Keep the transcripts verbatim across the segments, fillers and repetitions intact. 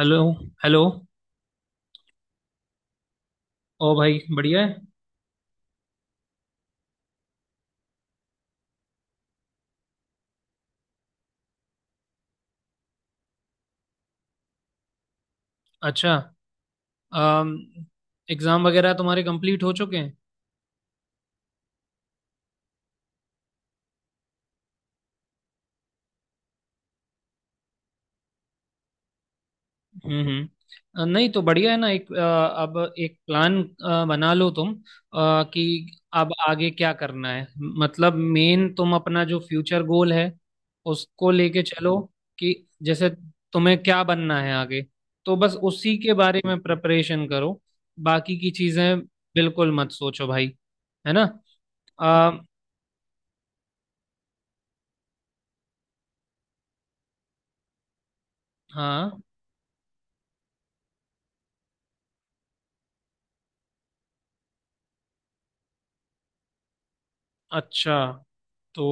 Hello. Hello. ओ भाई बढ़िया है। अच्छा। अम, एग्जाम वगैरह तुम्हारे कंप्लीट हो चुके हैं? हम्म हम्म। अ, नहीं तो बढ़िया है ना। एक अ, अब एक प्लान अ, बना लो तुम, अ, कि अब आगे क्या करना है। मतलब मेन तुम अपना जो फ्यूचर गोल है उसको लेके चलो। कि जैसे तुम्हें क्या बनना है आगे, तो बस उसी के बारे में प्रिपरेशन करो। बाकी की चीजें बिल्कुल मत सोचो भाई, है ना। अ, हाँ, अच्छा तो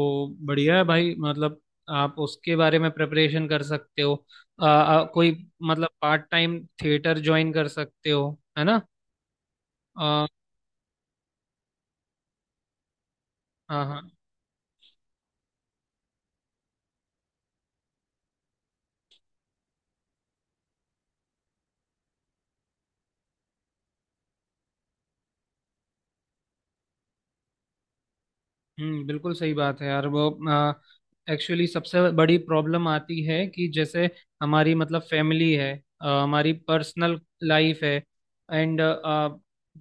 बढ़िया है भाई। मतलब आप उसके बारे में प्रिपरेशन कर सकते हो। आ, आ, कोई, मतलब पार्ट टाइम थिएटर ज्वाइन कर सकते हो, है ना। आ, हाँ हाँ। हम्म, बिल्कुल सही बात है यार। वो एक्चुअली सबसे बड़ी प्रॉब्लम आती है कि जैसे हमारी मतलब फैमिली है, अ, हमारी पर्सनल लाइफ है, एंड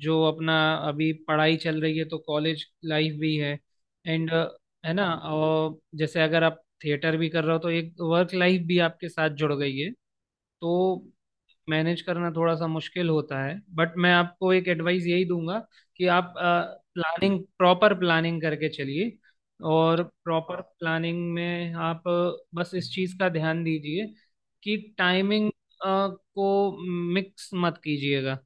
जो अपना अभी पढ़ाई चल रही है तो कॉलेज लाइफ भी है, एंड है ना। अ, जैसे अगर आप थिएटर भी कर रहे हो तो एक वर्क लाइफ भी आपके साथ जुड़ गई है। तो मैनेज करना थोड़ा सा मुश्किल होता है, बट मैं आपको एक एडवाइस यही दूंगा कि आप प्लानिंग, प्रॉपर प्लानिंग करके चलिए। और प्रॉपर प्लानिंग में आप अ, बस इस चीज़ का ध्यान दीजिए कि टाइमिंग को मिक्स मत कीजिएगा।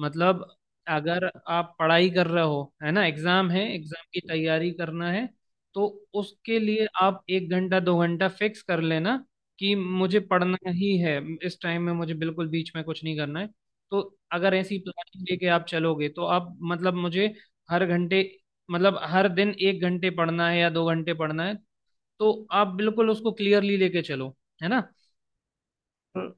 मतलब अगर आप पढ़ाई कर रहे हो, है ना, एग्ज़ाम है, एग्ज़ाम की तैयारी करना है, तो उसके लिए आप एक घंटा दो घंटा फिक्स कर लेना कि मुझे पढ़ना ही है। इस टाइम में मुझे बिल्कुल बीच में कुछ नहीं करना है। तो अगर ऐसी प्लानिंग लेके आप चलोगे तो आप मतलब मुझे हर घंटे, मतलब हर दिन एक घंटे पढ़ना है या दो घंटे पढ़ना है, तो आप बिल्कुल उसको क्लियरली लेके चलो, है ना। हम्म,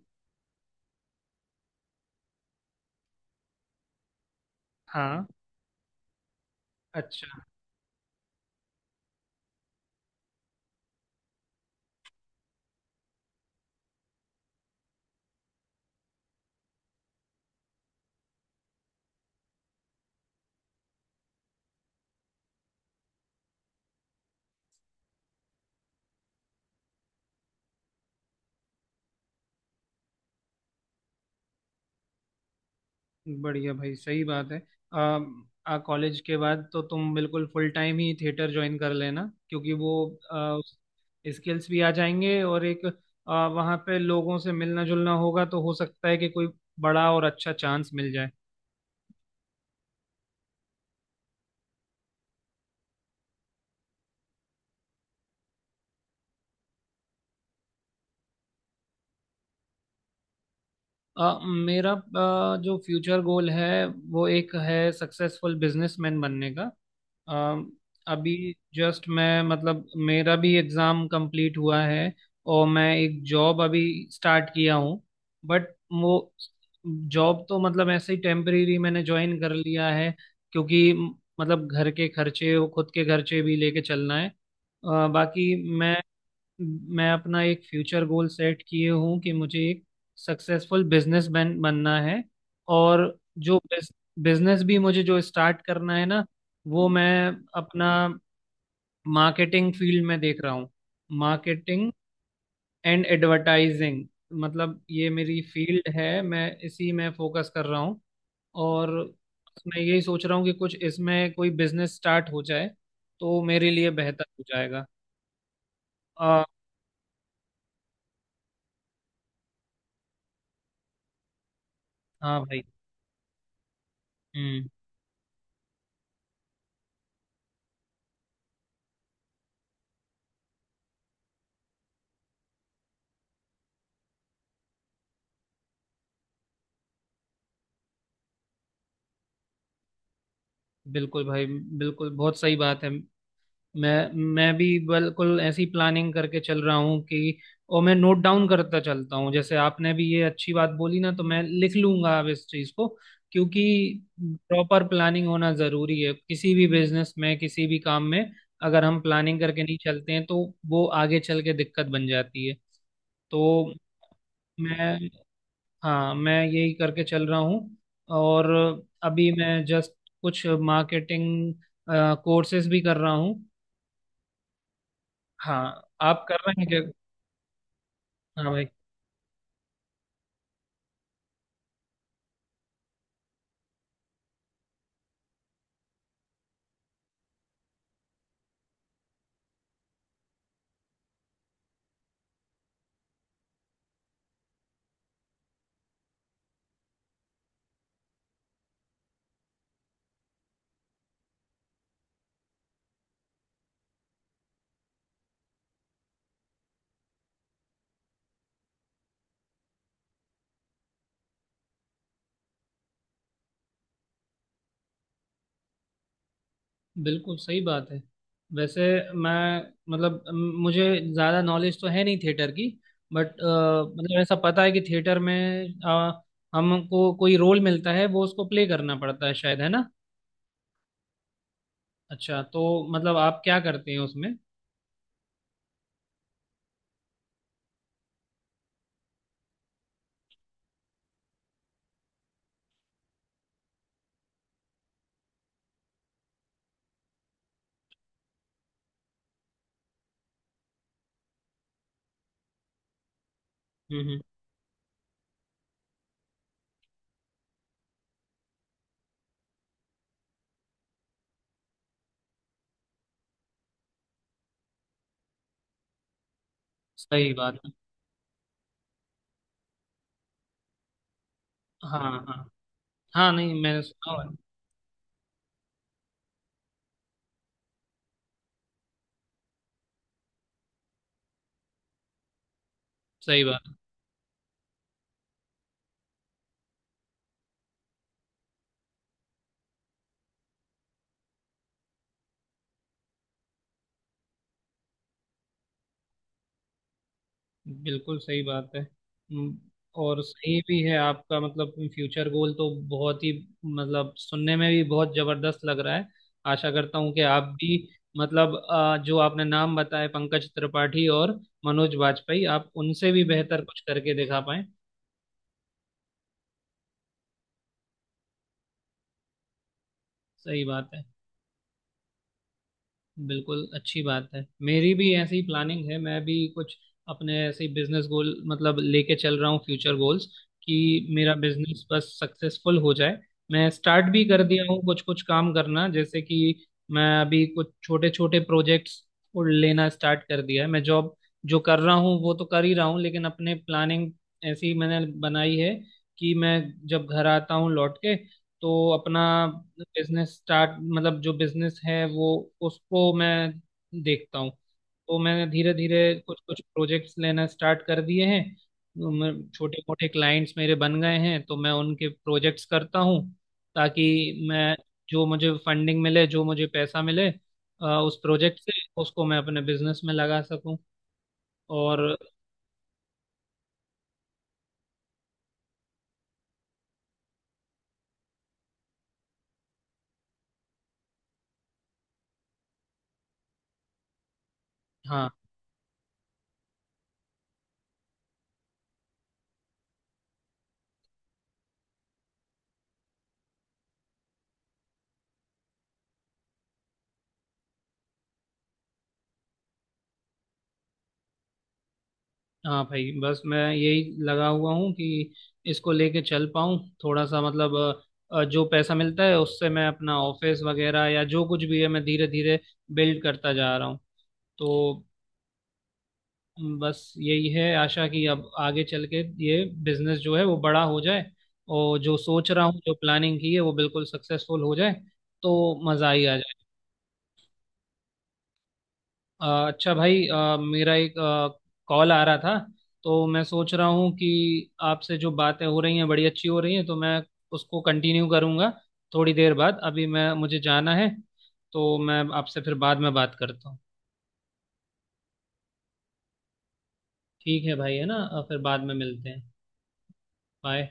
हाँ, अच्छा, बढ़िया भाई, सही बात है। आ, आ कॉलेज के बाद तो तुम बिल्कुल फुल टाइम ही थिएटर ज्वाइन कर लेना क्योंकि वो स्किल्स भी आ जाएंगे और एक आ, वहाँ पे लोगों से मिलना जुलना होगा तो हो सकता है कि कोई बड़ा और अच्छा चांस मिल जाए। अ, मेरा अ, जो फ्यूचर गोल है वो एक है सक्सेसफुल बिजनेसमैन बनने का। अ, अभी जस्ट मैं, मतलब मेरा भी एग्ज़ाम कंप्लीट हुआ है और मैं एक जॉब अभी स्टार्ट किया हूँ। बट वो जॉब तो मतलब ऐसे ही टेम्परेरी मैंने ज्वाइन कर लिया है क्योंकि मतलब घर के खर्चे और खुद के खर्चे भी लेके चलना है। अ, बाकी मैं मैं अपना एक फ्यूचर गोल सेट किए हूँ कि मुझे एक सक्सेसफुल बिजनेसमैन बनना है। और जो बिजनेस भी मुझे जो स्टार्ट करना है ना, वो मैं अपना मार्केटिंग फील्ड में देख रहा हूँ। मार्केटिंग एंड एडवर्टाइजिंग, मतलब ये मेरी फील्ड है, मैं इसी में फोकस कर रहा हूँ। और मैं यही सोच रहा हूँ कि कुछ इसमें कोई बिजनेस स्टार्ट हो जाए तो मेरे लिए बेहतर हो जाएगा। आ, हाँ भाई। हम्म, बिल्कुल भाई, बिल्कुल बहुत सही बात है। मैं मैं भी बिल्कुल ऐसी प्लानिंग करके चल रहा हूँ कि, और मैं नोट डाउन करता चलता हूँ। जैसे आपने भी ये अच्छी बात बोली ना तो मैं लिख लूंगा अब इस चीज़ को, क्योंकि प्रॉपर प्लानिंग होना ज़रूरी है किसी भी बिजनेस में, किसी भी काम में। अगर हम प्लानिंग करके नहीं चलते हैं तो वो आगे चल के दिक्कत बन जाती है। तो मैं, हाँ मैं यही करके चल रहा हूँ। और अभी मैं जस्ट कुछ मार्केटिंग कोर्सेज भी कर रहा हूँ। हाँ, आप कर रहे हैं क्या? हाँ भाई। बिल्कुल सही बात है। वैसे मैं, मतलब अम, मुझे ज़्यादा नॉलेज तो है नहीं थिएटर की, बट मतलब ऐसा पता है कि थिएटर में अ, हमको कोई रोल मिलता है वो उसको प्ले करना पड़ता है शायद, है ना। अच्छा, तो मतलब आप क्या करते हैं उसमें? हम्म हम्म। सही बात है। हाँ हाँ। हाँ, नहीं मैंने सुना हुआ है। सही बात। बिल्कुल सही बात है। हम्म, और सही भी है आपका। मतलब फ्यूचर गोल तो बहुत ही, मतलब सुनने में भी बहुत जबरदस्त लग रहा है। आशा करता हूँ कि आप भी, मतलब अ, जो आपने नाम बताए, पंकज त्रिपाठी और मनोज बाजपेयी, आप उनसे भी बेहतर कुछ करके दिखा पाए। सही बात है। बिल्कुल अच्छी बात है। मेरी भी ऐसी ही प्लानिंग है। मैं भी कुछ अपने ऐसे बिजनेस गोल मतलब लेके चल रहा हूँ, फ्यूचर गोल्स, कि मेरा बिजनेस बस सक्सेसफुल हो जाए। मैं स्टार्ट भी कर दिया हूँ कुछ कुछ काम करना। जैसे कि मैं अभी कुछ छोटे छोटे प्रोजेक्ट्स लेना स्टार्ट कर दिया है। मैं जॉब जो कर रहा हूँ वो तो कर ही रहा हूँ, लेकिन अपने प्लानिंग ऐसी मैंने बनाई है कि मैं जब घर आता हूँ लौट के तो अपना बिजनेस स्टार्ट, मतलब जो बिजनेस है वो, उसको मैं देखता हूँ। तो मैंने धीरे धीरे कुछ कुछ प्रोजेक्ट्स लेना स्टार्ट कर दिए हैं। छोटे मोटे क्लाइंट्स मेरे बन गए हैं तो मैं उनके प्रोजेक्ट्स करता हूँ, ताकि मैं जो मुझे फंडिंग मिले, जो मुझे पैसा मिले, अ, उस प्रोजेक्ट से उसको मैं अपने बिजनेस में लगा सकूं। और हाँ, हाँ भाई, बस मैं यही लगा हुआ हूँ कि इसको लेके चल पाऊँ। थोड़ा सा मतलब अ, अ, जो पैसा मिलता है उससे मैं अपना ऑफिस वगैरह या जो कुछ भी है मैं धीरे धीरे बिल्ड करता जा रहा हूँ। तो बस यही है आशा कि अब आगे चल के ये बिजनेस जो है वो बड़ा हो जाए, और जो सोच रहा हूँ जो प्लानिंग की है वो बिल्कुल सक्सेसफुल हो जाए, तो मज़ा ही आ जाए। अ, अच्छा भाई, अ, मेरा एक कॉल आ रहा था, तो मैं सोच रहा हूँ कि आपसे जो बातें हो रही हैं बड़ी अच्छी हो रही हैं, तो मैं उसको कंटिन्यू करूँगा थोड़ी देर बाद। अभी मैं, मुझे जाना है, तो मैं आपसे फिर बाद में बात करता हूँ। ठीक है भाई, है ना, अ, फिर बाद में मिलते हैं। बाय।